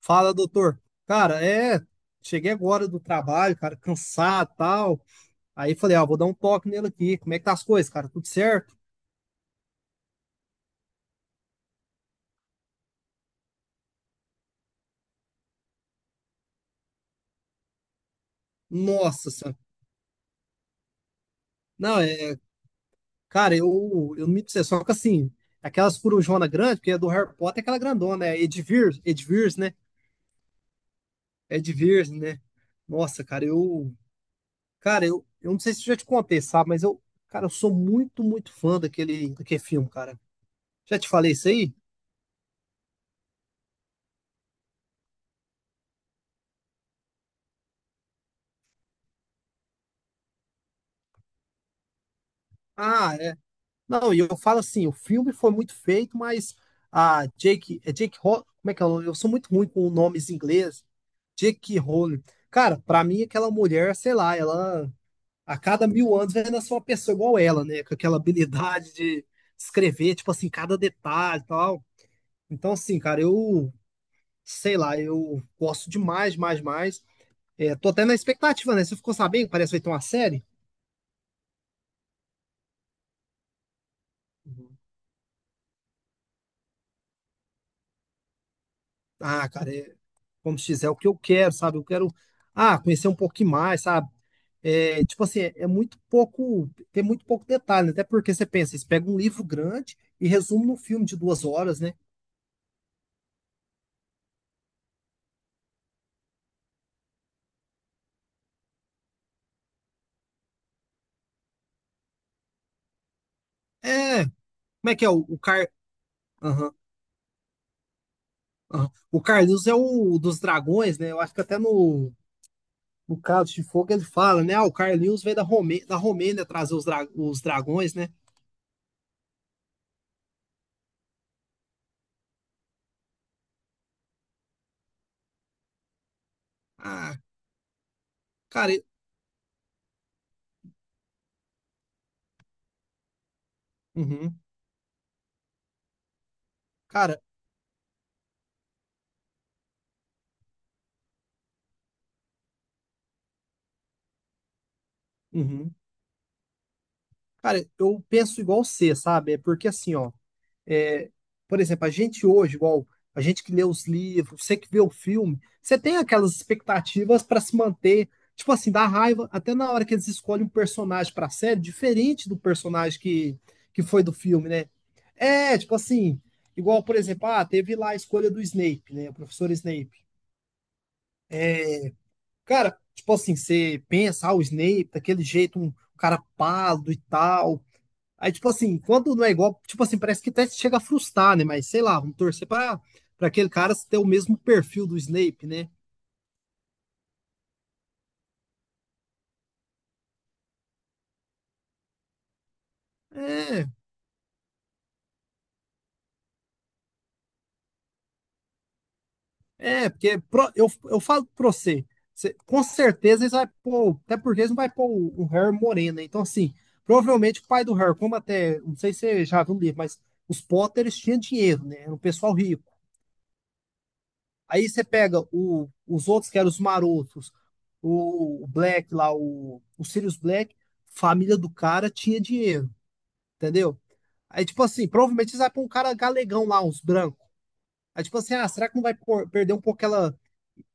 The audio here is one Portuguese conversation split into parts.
Fala, doutor. Cara, cheguei agora do trabalho, cara, cansado, e tal. Aí falei, ah, vou dar um toque nele aqui. Como é que tá as coisas, cara? Tudo certo? Nossa senhora. Não, cara, eu não me dizer, só que assim, aquelas corujona grande, porque é do Harry Potter, é aquela grandona, é Edivir, né? Edivir, né? Nossa, cara, eu não sei se eu já te contei, sabe, mas eu, cara, eu sou muito, muito fã daquele filme, cara. Já te falei isso aí? Ah, é, Não, e eu falo assim, o filme foi muito feito, mas a Jake, como é que é o nome? Eu sou muito ruim com nomes em inglês. Jake Rowling. Cara, pra mim aquela mulher, sei lá, ela a cada mil anos vai nascer uma pessoa igual ela, né? Com aquela habilidade de escrever, tipo assim, cada detalhe e tal. Então, assim, cara, eu sei lá, eu gosto demais, mais, mais. É, tô até na expectativa, né? Você ficou sabendo que parece que vai ter uma série? Ah, cara, é, como se diz, é o que eu quero, sabe? Eu quero, ah, conhecer um pouquinho mais, sabe? É, tipo assim, é muito pouco, tem muito pouco detalhe, né? Até porque você pensa, você pega um livro grande e resume num filme de duas horas, né? É, como é que é o Car... Aham, aham. O Carlinhos é o dos dragões, né? Eu acho que até no Cálice de Fogo ele fala, né? Ah, o Carlinhos veio da Romê... da Romênia trazer os, dra... os dragões, né? Ah, cara, e- uhum, cara, uhum. Cara, eu penso igual você, sabe? É porque assim, ó, é, por exemplo, a gente hoje, igual a gente que lê os livros, você que vê o filme, você tem aquelas expectativas pra se manter, tipo assim, dá raiva até na hora que eles escolhem um personagem pra série, diferente do personagem que foi do filme, né? É, tipo assim, igual, por exemplo, ah, teve lá a escolha do Snape, né? O professor Snape. Cara, tipo assim, você pensa, ah, o Snape, daquele jeito, um cara pálido e tal. Aí, tipo assim, quando não é igual, tipo assim, parece que até chega a frustrar, né? Mas sei lá, vamos torcer pra aquele cara ter o mesmo perfil do Snape, né? É, porque eu falo pra você, você- com certeza eles vai pôr, até porque eles não vai pôr o Harry moreno, né? Então, assim, provavelmente o pai do Harry, como até, não sei se você já viu o livro, mas os Potters tinham dinheiro, né? Era um pessoal rico. Aí você pega os outros, que eram os marotos, o Black lá, o Sirius Black, família do cara tinha dinheiro, entendeu? Aí, tipo assim, provavelmente eles vai pôr um cara galegão lá, uns brancos. Aí, tipo assim, ah, será que não vai pôr- perder um pouco aquela,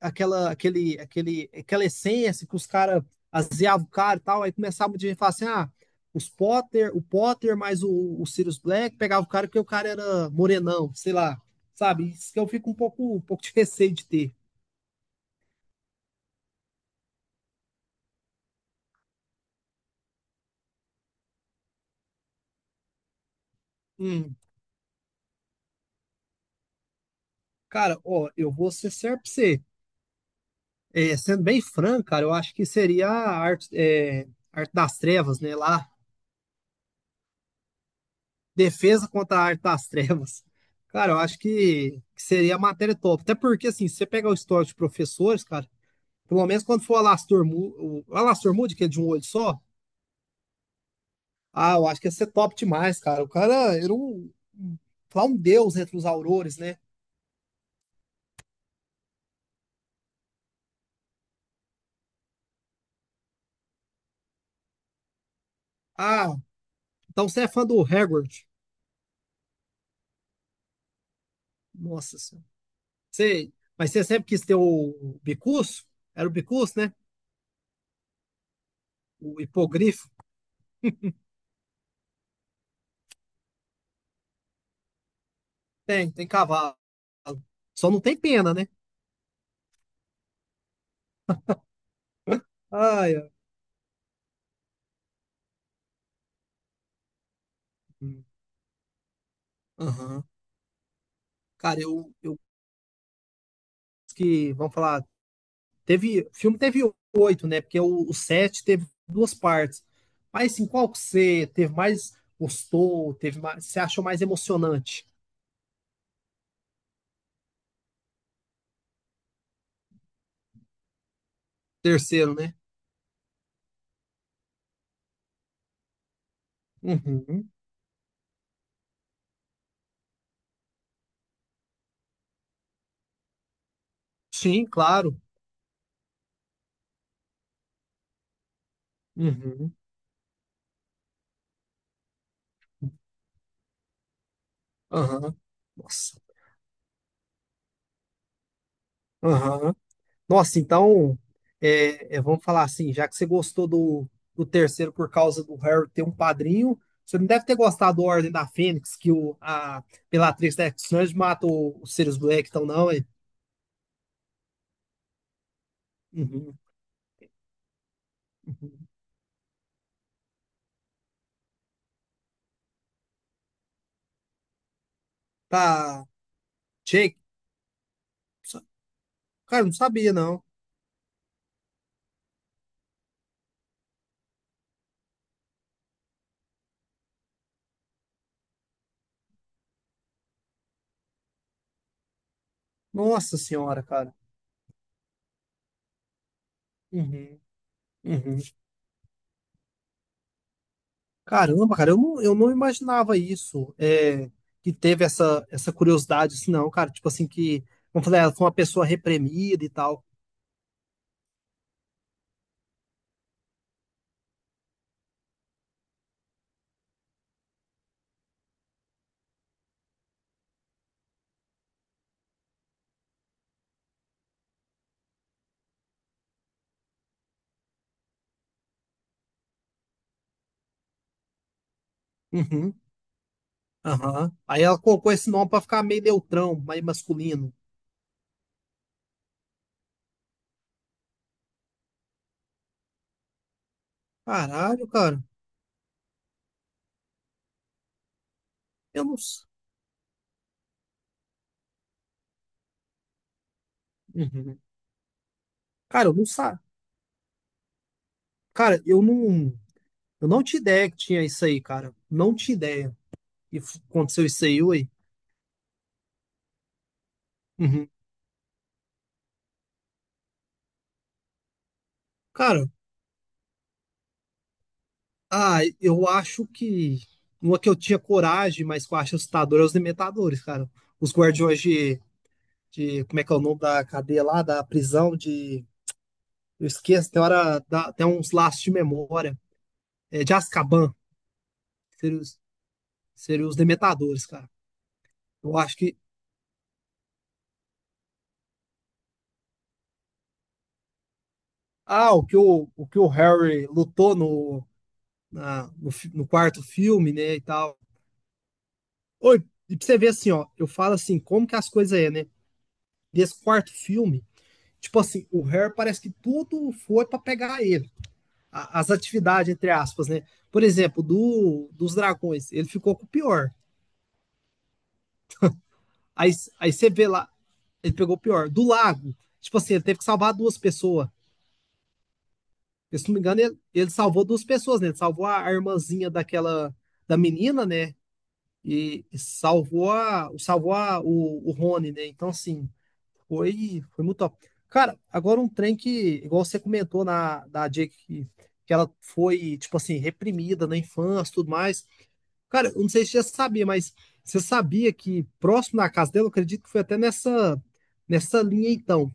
aquela, aquele, aquele, aquela essência que os caras azeavam o cara e tal? Aí começava o dia e falar assim, ah, os Potter, o Potter mais o Sirius Black pegava o cara porque o cara era morenão, sei lá, sabe? Isso que eu fico um pouco de receio de ter. Hum. Cara, ó, eu vou ser certo pra você. É, sendo bem franco, cara, eu acho que seria a arte, é, arte das trevas, né? Lá, defesa contra a arte das trevas. Cara, eu acho que seria a matéria top. Até porque, assim, se você pegar o histórico de professores, cara, pelo menos quando for o o Alastor Moody, que é de um olho só, ah, eu acho que ia ser top demais, cara. O cara era um, lá um deus entre os aurores, né? Ah, então você é fã do Hagrid. Nossa. Sei. Mas você sempre quis ter o bicurso? Era o bicurso, né? O hipogrifo? Tem, tem cavalo. Só não tem pena, né? Ai, ai. Aham. Cara, eu que, vamos falar, teve, o filme teve oito, né? Porque o sete teve duas partes. Mas assim, qual que você teve mais gostou, teve mais, você achou mais emocionante? Terceiro, né? Uhum. Sim, claro. Uhum. Aham. Nossa. Aham. Nossa, então, vamos falar assim, já que você gostou do terceiro por causa do Harry ter um padrinho, você não deve ter gostado do Ordem da Fênix, que a Bellatrix da X-Men mata os Sirius Black, então não, hein? Uhum, uhum. Tá, Jake? Sa- Cara, não sabia, não. Nossa senhora, cara. Uhum, uhum. Caramba, cara, eu não imaginava isso, é, que teve essa curiosidade, assim, não, cara, tipo assim, que, vamos falar, ela foi uma pessoa reprimida e tal. Uhum. Aham. Aí ela colocou esse nome pra ficar meio neutrão, mais masculino. Caralho, cara. Eu não. s- Uhum. Cara, eu não sa... Cara, eu não. Eu não tinha ideia que tinha isso aí, cara. Não tinha ideia. Aconteceu isso aí, ué. Uhum. Cara, ah, eu acho que. Uma que eu tinha coragem, mas que eu acho assustador é os Dementadores, cara. Os guardiões de. Como é que é o nome da cadeia lá? Da prisão de. Eu esqueço, tem hora. Tem uns laços de memória. É de Azkaban. Seriam os Dementadores, cara. Eu acho que. Ah, o que o Harry lutou no, no quarto filme, né, e tal. Oi, e pra você ver assim, ó, eu falo assim, como que as coisas é, né? Desse quarto filme, tipo assim, o Harry parece que tudo foi pra pegar ele. As atividades, entre aspas, né? Por exemplo, dos dragões, ele ficou com o pior. Aí, aí você vê lá, ele pegou o pior. Do lago, tipo assim, ele teve que salvar duas pessoas. Porque, se não me engano, ele salvou duas pessoas, né? Ele salvou a irmãzinha daquela, da menina, né? E salvou o Rony, né? Então, assim, foi muito top. Cara, agora um trem que, igual você comentou na, da Jake, que ela foi, tipo assim, reprimida na infância e tudo mais. Cara, eu não sei se você já sabia, mas você sabia que próximo da casa dela, eu acredito que foi até nessa linha, então,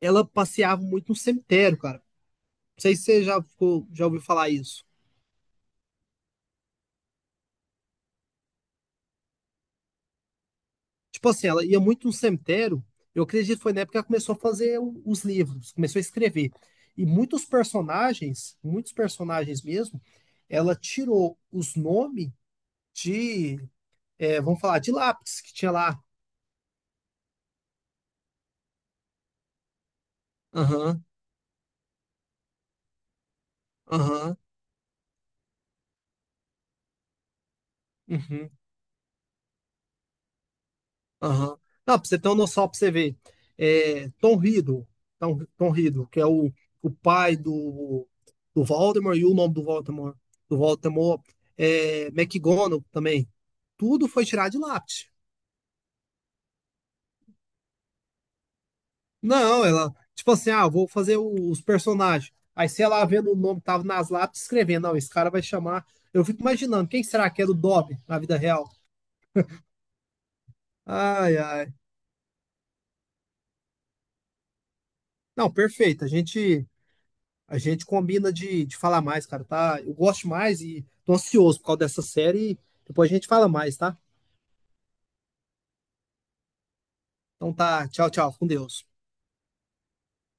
ela passeava muito no cemitério, cara. Não sei se você já, já ouviu falar isso. Tipo assim, ela ia muito no cemitério. Eu acredito que foi na época que ela começou a fazer os livros, começou a escrever. E muitos personagens mesmo, ela tirou os nomes de, é, vamos falar, de lápis que tinha lá. Aham, aham, uhum. Aham. Não, pra você ter uma noção, pra você ver. É, Tom Riddle, Tom Riddle, que é o pai do Voldemort, e o nome do do Voldemort, é McGonagall também. Tudo foi tirado de lápis. Não, ela, tipo assim, ah, vou fazer os personagens. Aí você ia lá vendo o nome que tava nas lápis, escrevendo, não, esse cara vai chamar. Eu fico imaginando, quem será que era o Dobby na vida real? Ai, ai. Não, perfeito. A gente combina de falar mais, cara, tá? Eu gosto mais e tô ansioso por causa dessa série. Depois a gente fala mais, tá? Então tá, tchau, tchau, com Deus.